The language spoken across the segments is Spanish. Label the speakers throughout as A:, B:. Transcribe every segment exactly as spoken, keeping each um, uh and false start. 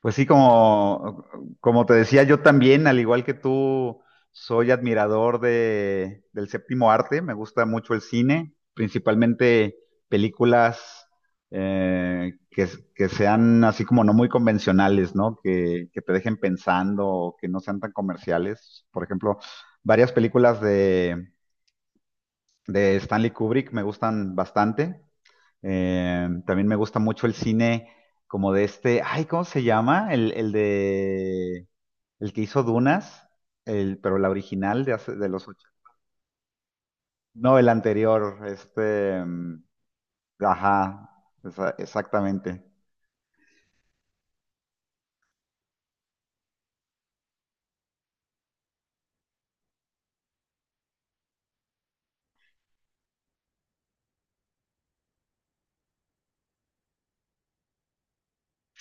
A: Pues sí, como, como te decía, yo también, al igual que tú, soy admirador de, del séptimo arte. Me gusta mucho el cine, principalmente películas eh, que, que sean así como no muy convencionales, ¿no? Que, que te dejen pensando, o que no sean tan comerciales. Por ejemplo, varias películas de, de Stanley Kubrick me gustan bastante. Eh, también me gusta mucho el cine como de este, ay, ¿cómo se llama? El, el de, el que hizo Dunas, el, pero la original de hace, de los ocho. No, el anterior, este, mm, ajá, esa- exactamente.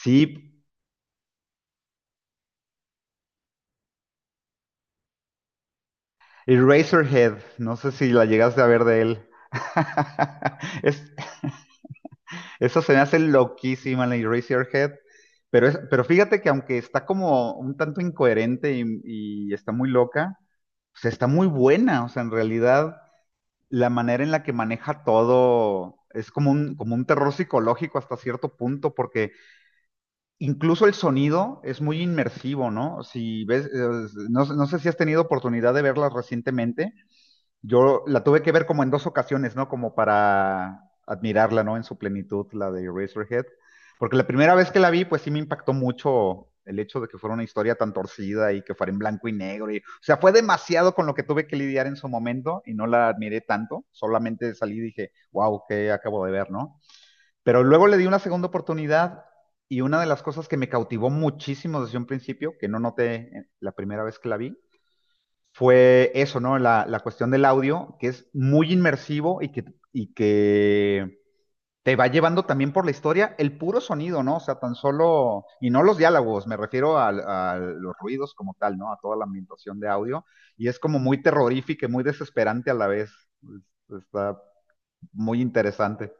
A: Sí, Eraserhead, no sé si la llegaste a ver de él. Es, eso se me hace loquísima la Eraserhead. Pero, es- pero fíjate que aunque está como un tanto incoherente y, y está muy loca, o sea, está muy buena. O sea, en realidad la manera en la que maneja todo es como un, como un terror psicológico hasta cierto punto, porque incluso el sonido es muy inmersivo, ¿no? Si ves, eh, no, no sé si has tenido oportunidad de verlas recientemente. Yo la tuve que ver como en dos ocasiones, ¿no? Como para admirarla, ¿no? En su plenitud, la de Eraserhead. Porque la primera vez que la vi, pues sí me impactó mucho el hecho de que fuera una historia tan torcida y que fuera en blanco y negro. Y, o sea, fue demasiado con lo que tuve que lidiar en su momento y no la admiré tanto. Solamente salí y dije, wow, ¿qué acabo de ver, no? Pero luego le di una segunda oportunidad y una de las cosas que me cautivó muchísimo desde un principio, que no noté la primera vez que la vi, fue eso, ¿no? La, la cuestión del audio, que es muy inmersivo y que, y que te va llevando también por la historia el puro sonido, ¿no? O sea, tan solo, y no los diálogos, me refiero a a, los ruidos como tal, ¿no? A toda la ambientación de audio, y es como muy terrorífica y muy desesperante a la vez. Está muy interesante.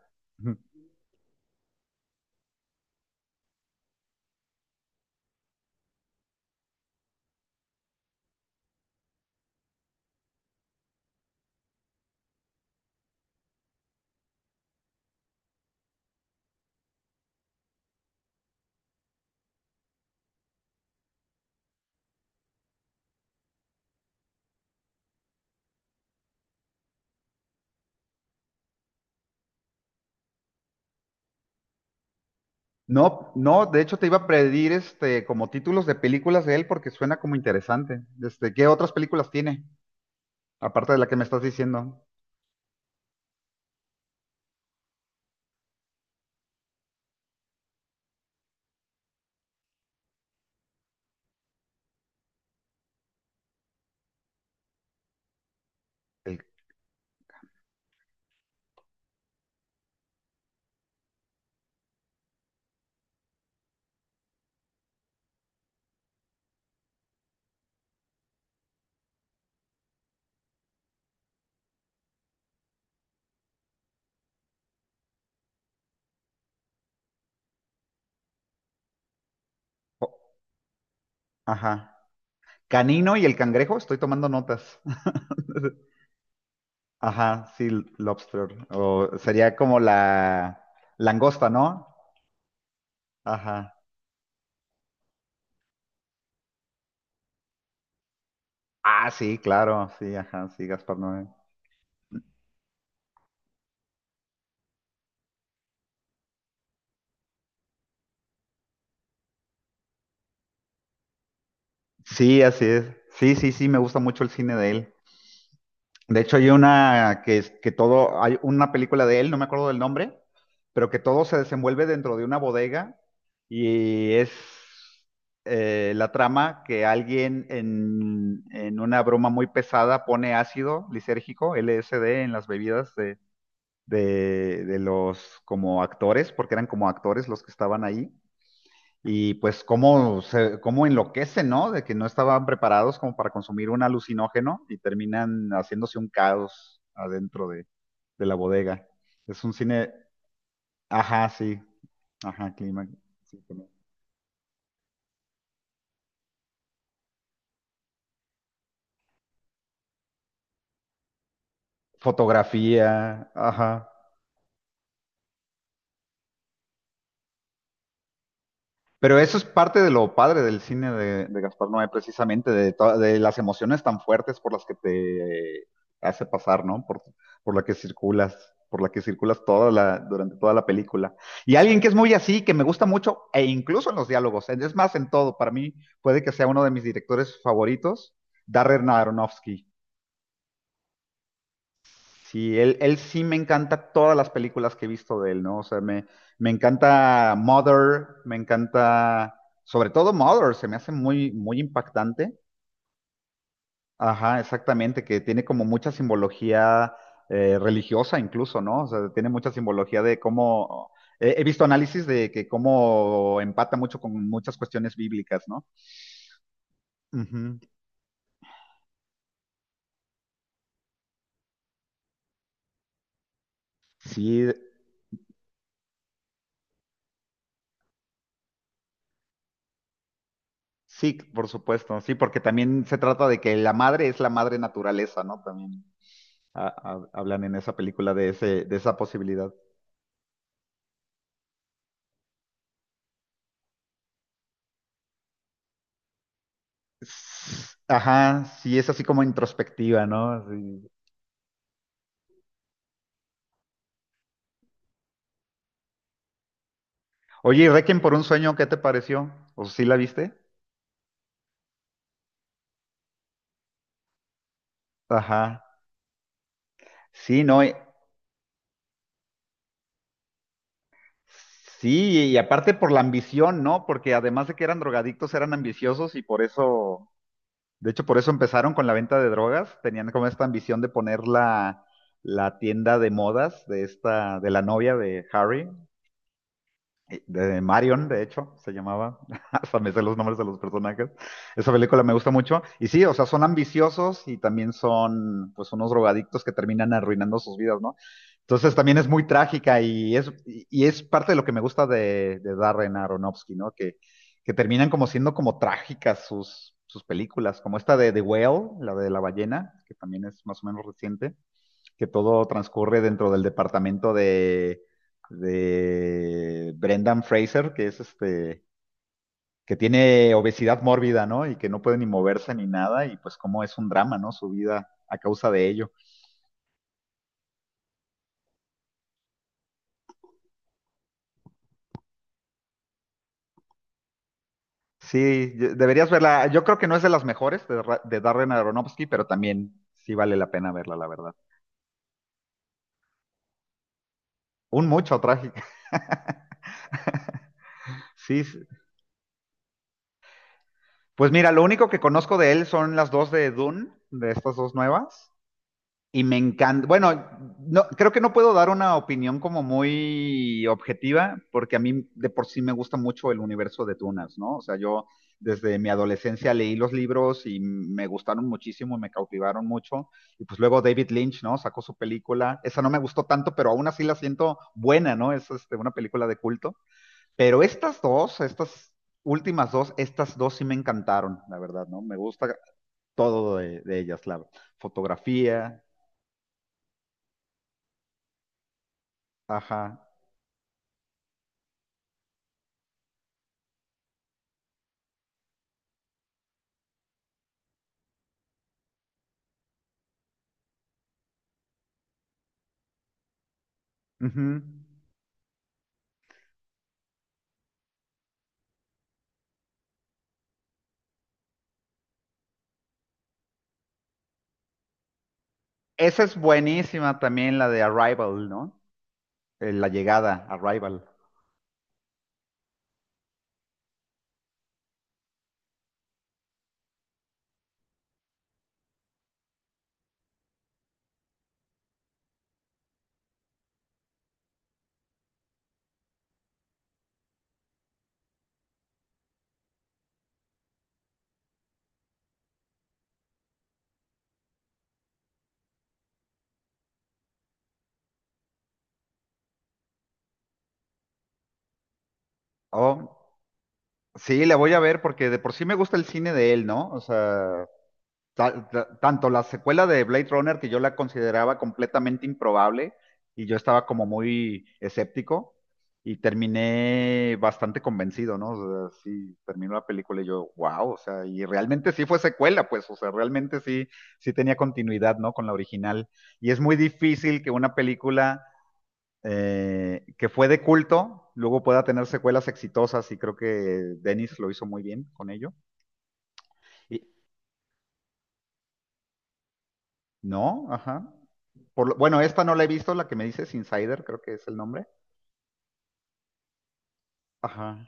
A: No, no, de hecho te iba a pedir este como títulos de películas de él porque suena como interesante. Este, ¿qué otras películas tiene? Aparte de la que me estás diciendo. El. O- Ajá. Canino y el cangrejo, estoy tomando notas. Ajá, sí, lobster. O sería como la langosta, ¿no? Ajá. Ah, sí, claro, sí, ajá, sí, Gaspar Noé. Sí, así es. Sí, sí, sí, me gusta mucho el cine de él. De hecho, hay una que es que todo, hay una película de él, no me acuerdo del nombre, pero que todo se desenvuelve dentro de una bodega y es eh, la trama que alguien en, en una broma muy pesada pone ácido lisérgico, L S D, en las bebidas de, de, de los como actores, porque eran como actores los que estaban ahí. Y pues cómo, se, cómo enloquece, ¿no? De que no estaban preparados como para consumir un alucinógeno y terminan haciéndose un caos adentro de, de la bodega. Es un cine, ajá, sí, ajá, clima, sí, también. Fotografía, ajá. Pero eso es parte de lo padre del cine de, de Gaspar Noé, precisamente, de, to- de las emociones tan fuertes por las que te hace pasar, ¿no? Por, por la que circulas, por la que circulas toda la, durante toda la película. Y alguien que es muy así, que me gusta mucho, e incluso en los diálogos, es más, en todo, para mí puede que sea uno de mis directores favoritos, Darren Aronofsky. Sí, él, él sí me encanta todas las películas que he visto de él, ¿no? O sea, me, me encanta Mother, me encanta, sobre todo Mother, se me hace muy, muy impactante. Ajá, exactamente, que tiene como mucha simbología eh, religiosa incluso, ¿no? O sea, tiene mucha simbología de cómo, he, he visto análisis de que cómo empata mucho con muchas cuestiones bíblicas, ¿no? Ujú. Sí, sí, por supuesto, sí, porque también se trata de que la madre es la madre naturaleza, ¿no? También. A- a- hablan en esa película de ese, de esa posibilidad. S- Ajá, sí, es así como introspectiva, ¿no? Sí. Oye, ¿y Requiem por un sueño, qué te pareció? ¿O sí la viste? Ajá. Sí, no. eh, Sí, y aparte por la ambición, ¿no? Porque además de que eran drogadictos, eran ambiciosos y por eso, de hecho, por eso empezaron con la venta de drogas. Tenían como esta ambición de poner la, la tienda de modas de esta, de la novia de Harry, eh, de Marion, de hecho, se llamaba, hasta me sé los nombres de los personajes. Esa película me gusta mucho. Y sí, o sea, son ambiciosos y también son, pues, unos drogadictos que terminan arruinando sus vidas, ¿no? Entonces también es muy trágica y es, y es parte de lo que me gusta de, de Darren Aronofsky, ¿no? Que, que terminan como siendo como trágicas sus, sus películas, como esta de The Whale, la de la ballena, que también es más o menos reciente, que todo transcurre dentro del departamento de, de Brendan Fraser, que es este, que tiene obesidad mórbida, ¿no? Y que no puede ni moverse ni nada, y pues cómo es un drama, ¿no? Su vida a causa de ello. Sí, yo- deberías verla. Yo creo que no es de las mejores de, Ra- de Darren Aronofsky, pero también sí vale la pena verla, la verdad. Un mucho trágico. Sí, sí. Pues mira, lo único que conozco de él son las dos de Dune, de estas dos nuevas. Y me encanta, bueno, no, creo que no puedo dar una opinión como muy objetiva, porque a mí de por sí me gusta mucho el universo de Tunas, ¿no? O sea, yo desde mi adolescencia leí los libros y me gustaron muchísimo, me cautivaron mucho. Y pues luego David Lynch, ¿no? Sacó su película. Esa no me gustó tanto, pero aún así la siento buena, ¿no? Es este, una película de culto. Pero estas dos, estas últimas dos, estas dos sí me encantaron, la verdad, ¿no? Me gusta todo de, de ellas, la fotografía, ajá, ujú. Esa es buenísima también, la de Arrival, ¿no? Eh, la llegada, Arrival. Oh, sí, la voy a ver porque de por sí me gusta el cine de él, ¿no? O sea, ta- ta- tanto la secuela de Blade Runner, que yo la consideraba completamente improbable, y yo estaba como muy escéptico, y terminé bastante convencido, ¿no? O sea, sí, terminó la película y yo, wow, o sea, y realmente sí fue secuela, pues, o sea, realmente sí, sí tenía continuidad, ¿no? Con la original. Y es muy difícil que una película eh, que fue de culto luego pueda tener secuelas exitosas, y creo que Dennis lo hizo muy bien con ello. Y, ¿no? Ajá. Por lo- bueno, esta no la he visto, la que me dices Insider, creo que es el nombre. Ajá.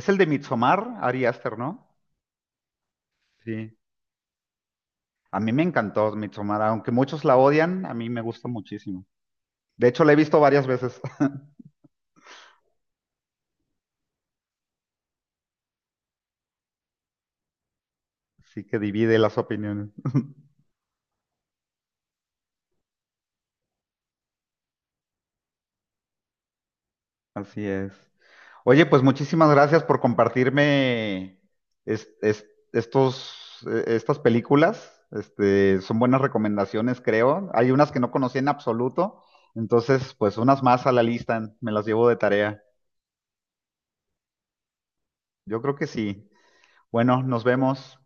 A: Es el de Midsommar, Ari Aster, ¿no? Sí. A mí me encantó Midsommar, aunque muchos la odian, a mí me gusta muchísimo. De hecho, la he visto varias veces, así que divide las opiniones. Así es. Oye, pues muchísimas gracias por compartirme es- es- estos, eh, estas películas. Este, son buenas recomendaciones, creo. Hay unas que no conocía en absoluto, entonces, pues unas más a la lista, me las llevo de tarea. Yo creo que sí. Bueno, nos vemos.